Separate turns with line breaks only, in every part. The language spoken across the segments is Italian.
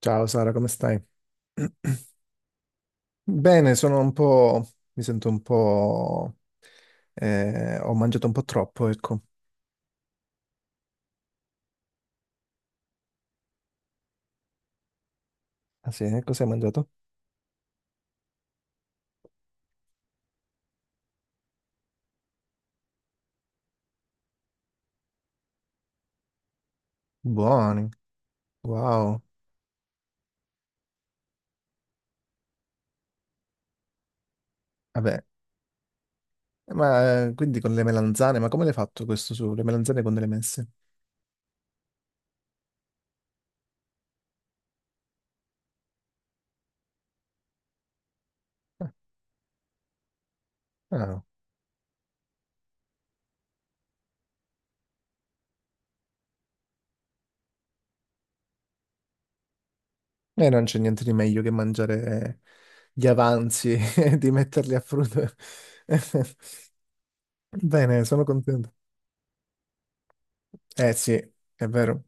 Ciao Sara, come stai? Bene, sono un po'... mi sento un po'... ho mangiato un po' troppo, ecco. Ah sì, eh? Cosa hai mangiato? Buoni, wow. Vabbè, ma quindi con le melanzane, ma come l'hai fatto questo su? Le melanzane con delle messe? Ah, non c'è niente di meglio che mangiare gli avanzi e di metterli a frutto. Bene, sono contento. Eh sì, è vero.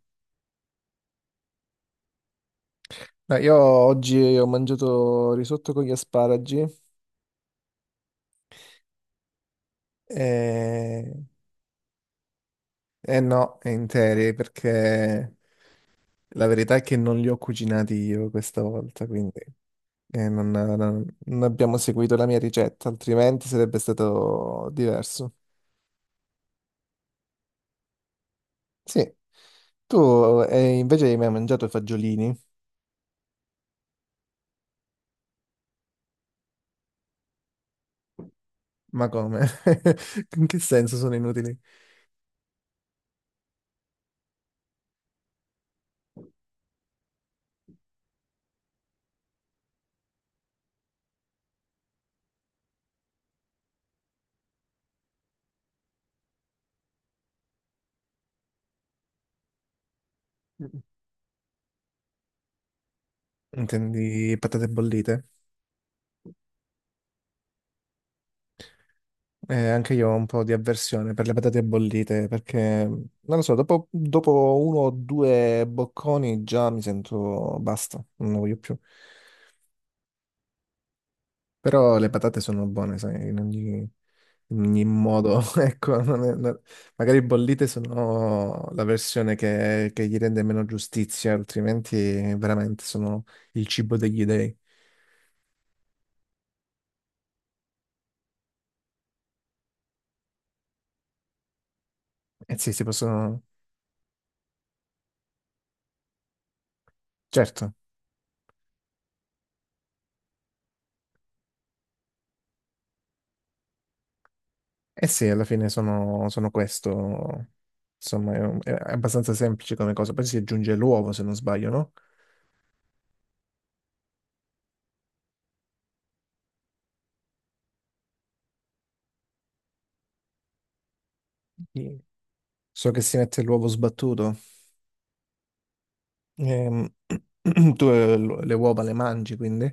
No, io oggi ho mangiato risotto con gli asparagi e, e no, interi, perché la verità è che non li ho cucinati io questa volta, quindi non abbiamo seguito la mia ricetta, altrimenti sarebbe stato diverso. Sì, tu invece hai mai mangiato i fagiolini? Ma come? In che senso sono inutili? Intendi patate bollite? Anche io ho un po' di avversione per le patate bollite perché, non lo so, dopo uno o due bocconi già mi sento basta, non ne voglio più. Però le patate sono buone, sai, in ogni modo. Ecco, non è- non- magari bollite sono la versione che gli rende meno giustizia, altrimenti veramente sono il cibo degli dei. Eh sì, si possono... Certo. Eh sì, alla fine sono questo. Insomma, è abbastanza semplice come cosa. Poi si aggiunge l'uovo, se non sbaglio, no? Sì. So che si mette l'uovo sbattuto. Ehm, tu le uova le mangi, quindi?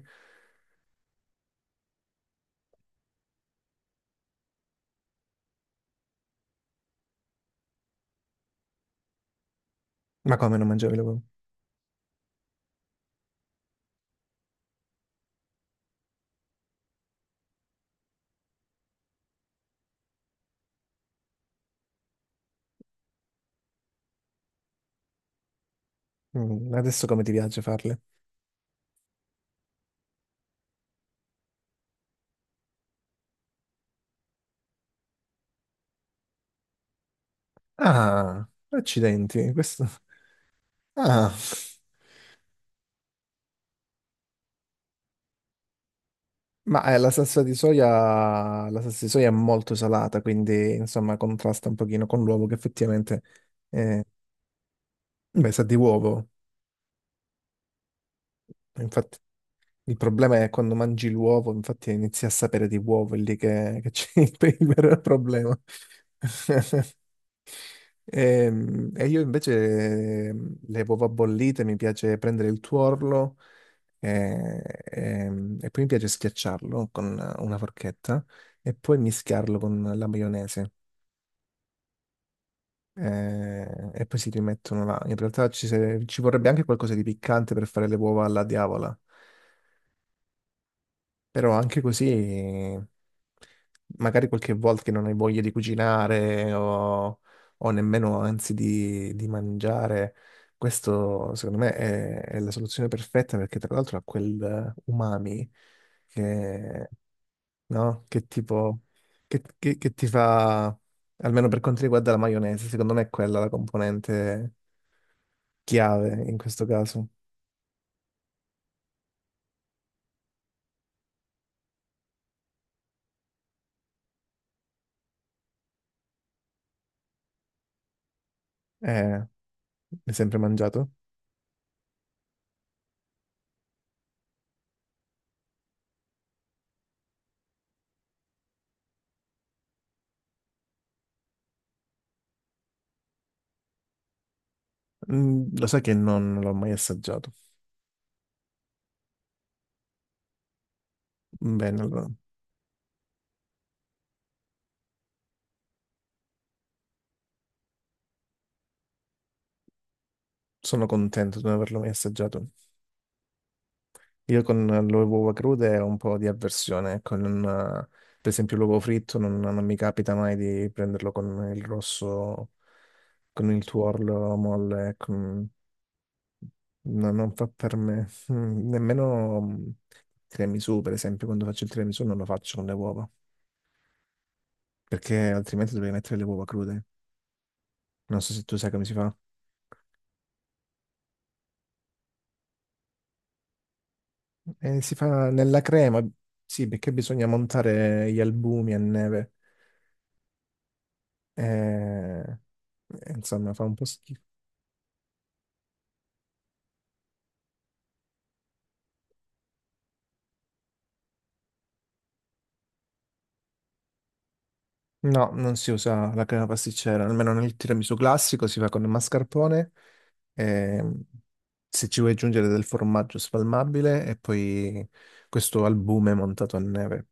Ma come non mangiavi le uova? Mm, adesso come ti piace farle? Ah, accidenti, questo... Ah, ma la salsa di soia, la salsa di soia è molto salata, quindi insomma contrasta un pochino con l'uovo che effettivamente... eh, beh, sa di uovo. Infatti... Il problema è quando mangi l'uovo, infatti inizi a sapere di uovo, è lì che c'è il vero problema. E, io invece le uova bollite mi piace prendere il tuorlo e, poi mi piace schiacciarlo con una forchetta e poi mischiarlo con la maionese. E poi si rimettono là. In realtà ci, se- ci vorrebbe anche qualcosa di piccante per fare le uova alla diavola. Però anche così, magari qualche volta che non hai voglia di cucinare o nemmeno anzi di mangiare, questo secondo me è la soluzione perfetta perché tra l'altro ha quel umami che, no? Che tipo, che ti fa, almeno per quanto riguarda la maionese, secondo me è quella la componente chiave in questo caso. Eh, l'hai sempre mangiato? Mm, lo sai che non l'ho mai assaggiato. Bene, allora sono contento di non averlo mai assaggiato. Io con le uova crude ho un po' di avversione. Ecco, non, per esempio l'uovo fritto non mi capita mai di prenderlo con il rosso, con il tuorlo molle. No, non fa per me. Mm, nemmeno tiramisù, per esempio, quando faccio il tiramisù non lo faccio con le uova, perché altrimenti dovrei mettere le uova crude. Non so se tu sai come si fa. Si fa nella crema, sì, perché bisogna montare gli albumi a neve. Eh, insomma, fa un po' schifo. No, non si usa la crema pasticcera, almeno nel tiramisù classico si fa con il mascarpone. ehm, Se ci vuoi aggiungere del formaggio spalmabile e poi questo albume montato a neve,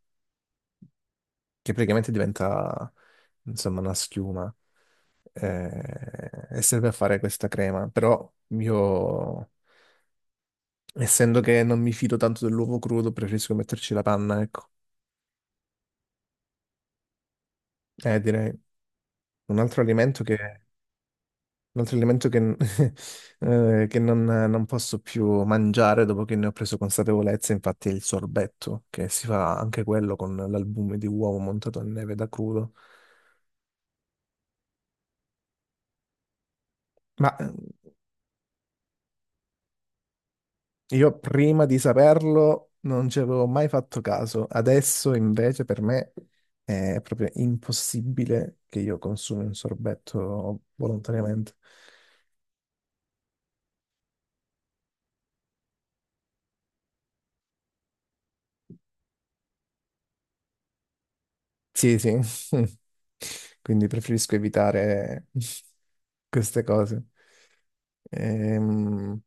che praticamente diventa, insomma, una schiuma. E serve a fare questa crema, però io essendo che non mi fido tanto dell'uovo crudo, preferisco metterci la panna, ecco. Direi un altro alimento altro alimento che, che non posso più mangiare dopo che ne ho preso consapevolezza, infatti, è il sorbetto, che si fa anche quello con l'albume di uovo montato a neve da crudo. Ma io prima di saperlo non ci avevo mai fatto caso, adesso invece per me è proprio impossibile che io consumi un sorbetto volontariamente. Sì, sì. Quindi preferisco evitare queste cose. Ehm,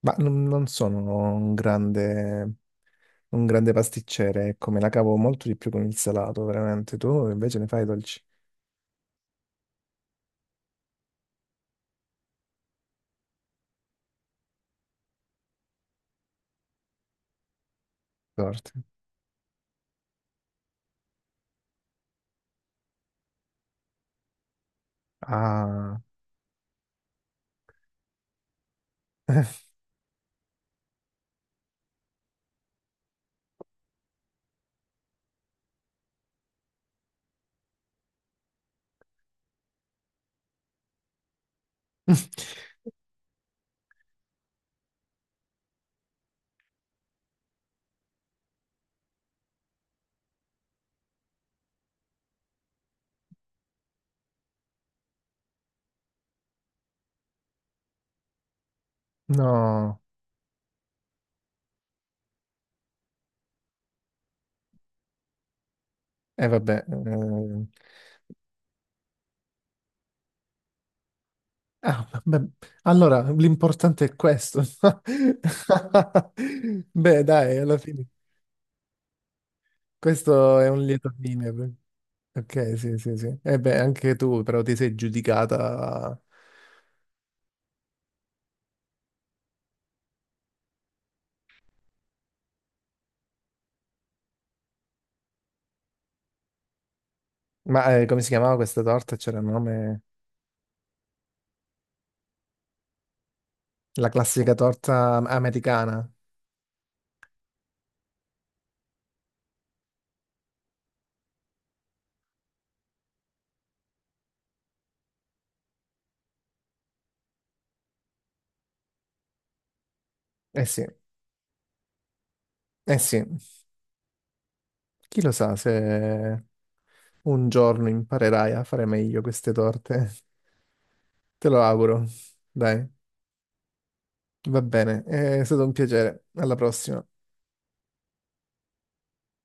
ma non sono un grande, un grande pasticcere, ecco, me la cavo molto di più con il salato, veramente. Tu invece ne fai i dolci torti. Ah, no, e vabbè. Ehm. Ah, beh, allora l'importante è questo. Beh, dai, alla fine. Questo è un lieto fine. Ok, sì, sì, sì. E beh, anche tu però ti sei giudicata... Ma come si chiamava questa torta? C'era un nome... La classica torta americana. Eh sì, eh sì. Chi lo sa se un giorno imparerai a fare meglio queste torte. Te lo auguro. Dai, va bene. È stato un piacere. Alla prossima.